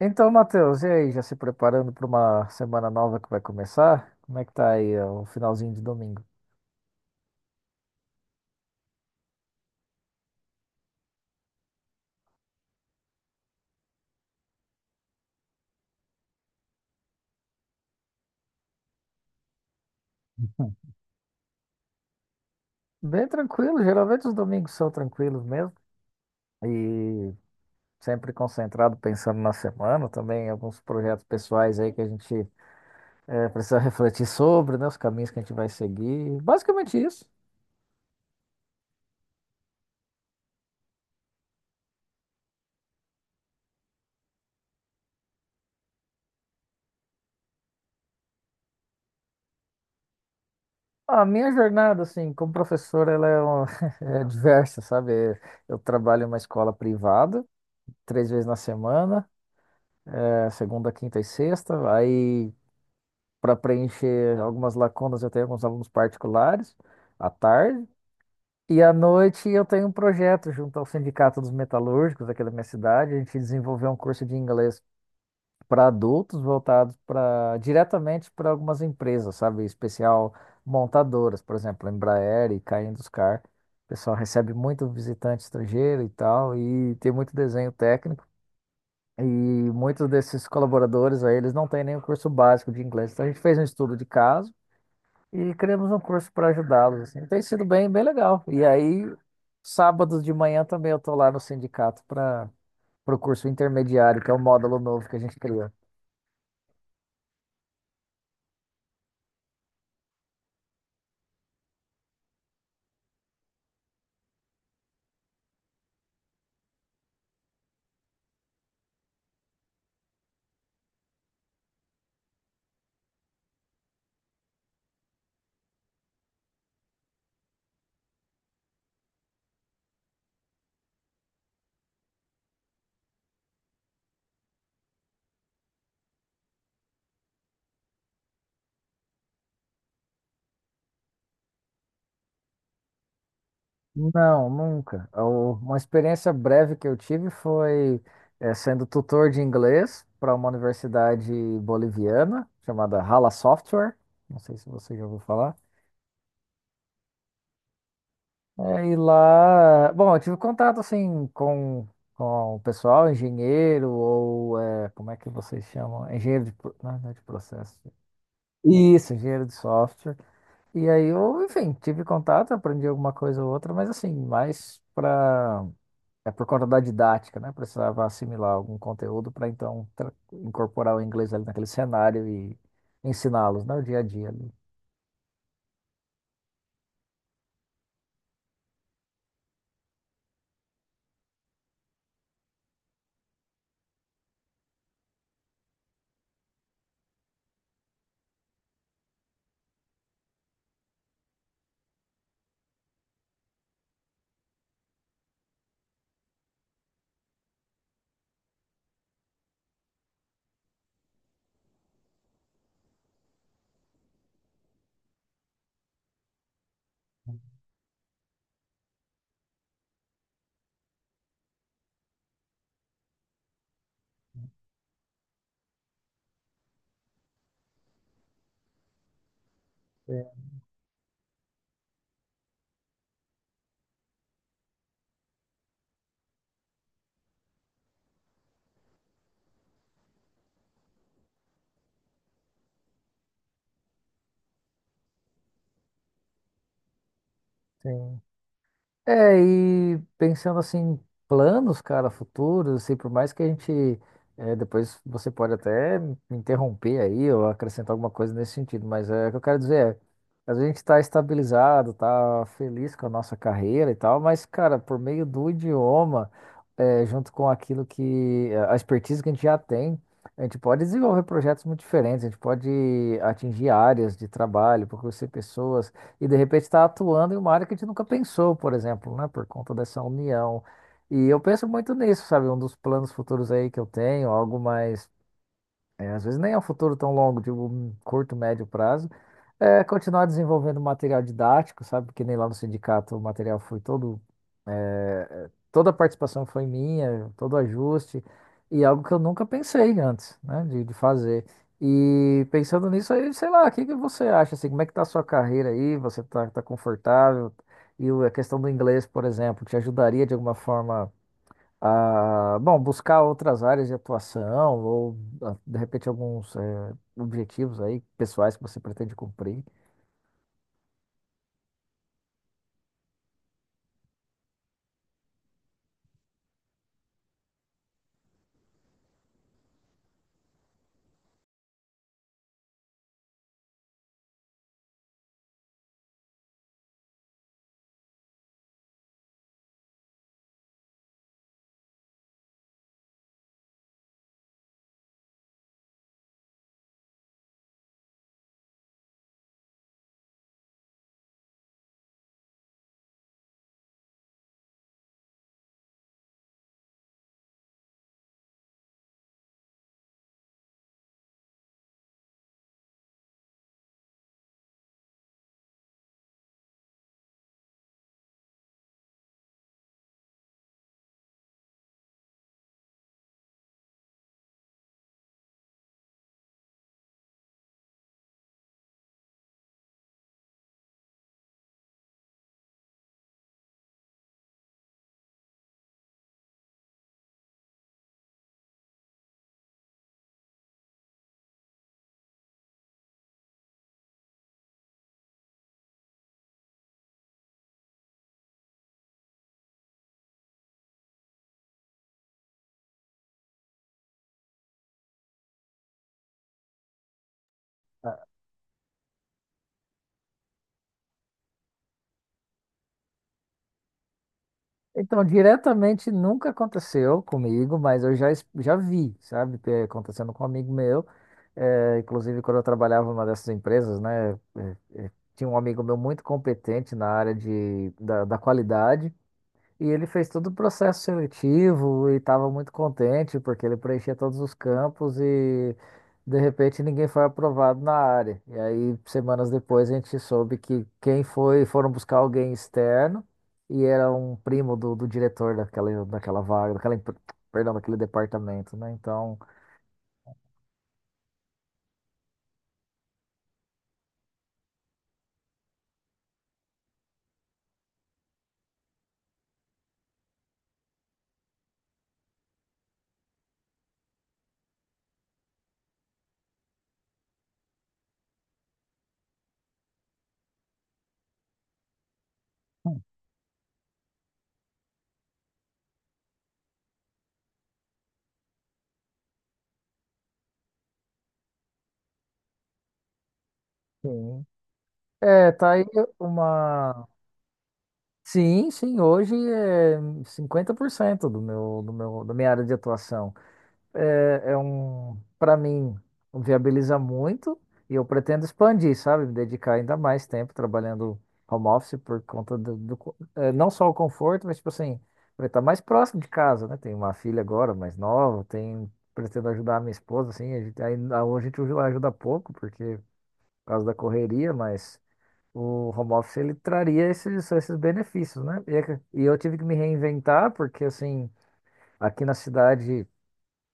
Então, Matheus, e aí, já se preparando para uma semana nova que vai começar? Como é que tá aí, ó, o finalzinho de domingo? Bem tranquilo, geralmente os domingos são tranquilos mesmo. E sempre concentrado pensando na semana, também alguns projetos pessoais aí que a gente precisa refletir sobre, né? Os caminhos que a gente vai seguir. Basicamente isso. A minha jornada, assim, como professor, ela é, é diversa, sabe? Eu trabalho em uma escola privada, três vezes na semana. É segunda, quinta e sexta. Aí, para preencher algumas lacunas, eu tenho alguns alunos particulares à tarde. E à noite eu tenho um projeto junto ao Sindicato dos Metalúrgicos aqui da minha cidade. A gente desenvolveu um curso de inglês para adultos voltado para diretamente para algumas empresas, sabe? Em especial montadoras, por exemplo, Embraer e K Induscar. O pessoal recebe muito visitante estrangeiro e tal, e tem muito desenho técnico. E muitos desses colaboradores aí, eles não têm nem o curso básico de inglês. Então a gente fez um estudo de caso e criamos um curso para ajudá-los, assim. Tem sido bem, bem legal. E aí, sábados de manhã também eu tô lá no sindicato para o curso intermediário, que é o módulo novo que a gente criou. Não, nunca. Uma experiência breve que eu tive foi sendo tutor de inglês para uma universidade boliviana chamada Hala Software. Não sei se você já ouviu falar. É, e lá, bom, eu tive contato assim com o pessoal, engenheiro, ou é, como é que vocês chamam? Engenheiro de, não, é, não é de processo. Isso, engenheiro de software. E aí eu, enfim, tive contato, aprendi alguma coisa ou outra, mas assim, mais para é por conta da didática, né? Precisava assimilar algum conteúdo para então incorporar o inglês ali naquele cenário e ensiná-los, né? O dia a dia ali. Sim, sim. É, e pensando assim, em planos, cara, futuros, assim, por mais que a gente, é, depois você pode até me interromper aí ou acrescentar alguma coisa nesse sentido, mas é, o que eu quero dizer é, a gente tá estabilizado, tá feliz com a nossa carreira e tal, mas, cara, por meio do idioma, é, junto com aquilo que, a expertise que a gente já tem, a gente pode desenvolver projetos muito diferentes, a gente pode atingir áreas de trabalho, por conhecer pessoas, e de repente está atuando em uma área que a gente nunca pensou, por exemplo, né? Por conta dessa união. E eu penso muito nisso, sabe? Um dos planos futuros aí que eu tenho, algo mais, é, às vezes nem é um futuro tão longo, de um curto, médio prazo, é continuar desenvolvendo material didático, sabe? Porque nem lá no sindicato o material foi todo. Toda a participação foi minha, todo o ajuste, e algo que eu nunca pensei antes, né, de fazer. E pensando nisso aí, sei lá, o que que você acha, assim, como é que tá a sua carreira aí? Você tá, tá confortável? E a questão do inglês, por exemplo, te ajudaria de alguma forma a, bom, buscar outras áreas de atuação ou, ah, de repente, alguns, objetivos aí pessoais que você pretende cumprir? Então, diretamente nunca aconteceu comigo, mas eu já, já vi, sabe, que é acontecendo com um amigo meu. Inclusive, quando eu trabalhava numa dessas empresas, né, tinha um amigo meu muito competente na área de, da, da qualidade. E ele fez todo o processo seletivo e estava muito contente porque ele preenchia todos os campos e de repente ninguém foi aprovado na área. E aí, semanas depois, a gente soube que quem foi, foram buscar alguém externo e era um primo do, do diretor daquela, daquela vaga, daquela, perdão, daquele departamento, né? Então, sim. É, tá aí uma. Sim, sim, hoje é 50% do meu, da minha área de atuação. É, é um, para mim, viabiliza muito e eu pretendo expandir, sabe? Me dedicar ainda mais tempo trabalhando home office por conta do, do é, não só o conforto, mas tipo assim, vai estar mais próximo de casa, né? Tenho uma filha agora, mais nova, tem, pretendo ajudar a minha esposa, assim, a gente, ainda, a gente ajuda pouco porque por causa da correria, mas o home office ele traria esses, esses benefícios, né? E, é e eu tive que me reinventar porque assim, aqui na cidade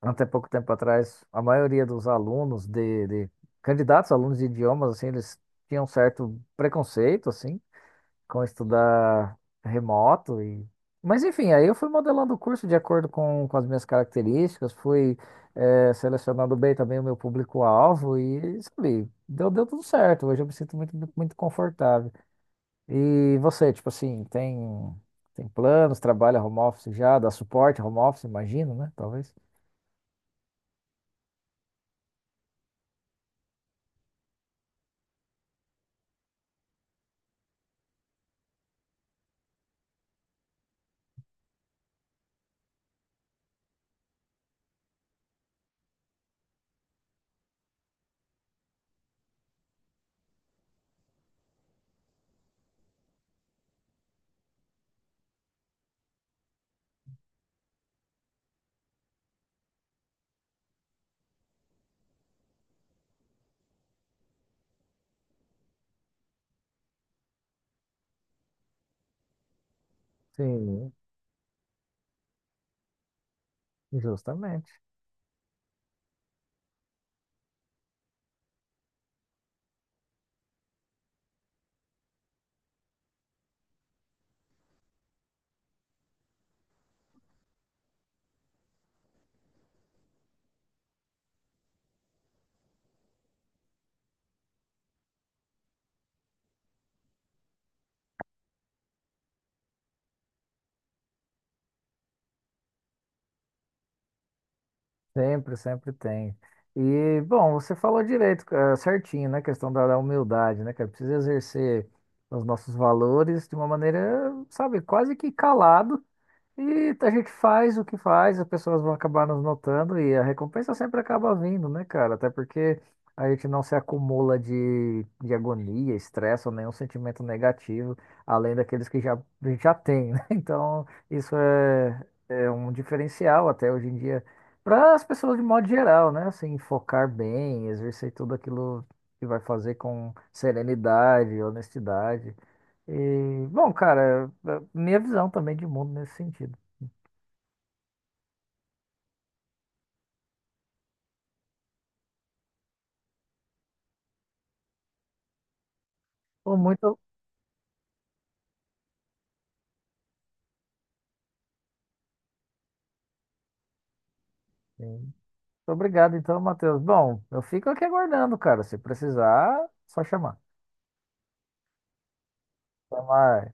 até pouco tempo atrás, a maioria dos alunos de candidatos, alunos de idiomas, assim, eles tinham um certo preconceito, assim, com estudar remoto e... Mas enfim, aí eu fui modelando o curso de acordo com as minhas características, fui selecionando bem também o meu público-alvo e, sabe, deu, deu tudo certo. Hoje eu me sinto muito, muito confortável. E você, tipo assim, tem, tem planos, trabalha home office já, dá suporte home office, imagino, né? Talvez. Sim. Justamente. Sempre, sempre tem. E, bom, você falou direito, certinho, né? Questão da humildade, né, cara? Precisa exercer os nossos valores de uma maneira, sabe, quase que calado. E a gente faz o que faz, as pessoas vão acabar nos notando e a recompensa sempre acaba vindo, né, cara? Até porque a gente não se acumula de agonia, estresse ou nenhum sentimento negativo, além daqueles que já, a gente já tem, né? Então, isso é, é um diferencial até hoje em dia para as pessoas de modo geral, né? Assim, focar bem, exercer tudo aquilo que vai fazer com serenidade, honestidade. E, bom, cara, é é minha visão também de mundo nesse sentido. Pô, muito, sim. Muito obrigado, então, Matheus. Bom, eu fico aqui aguardando, cara. Se precisar, só chamar. Chamar.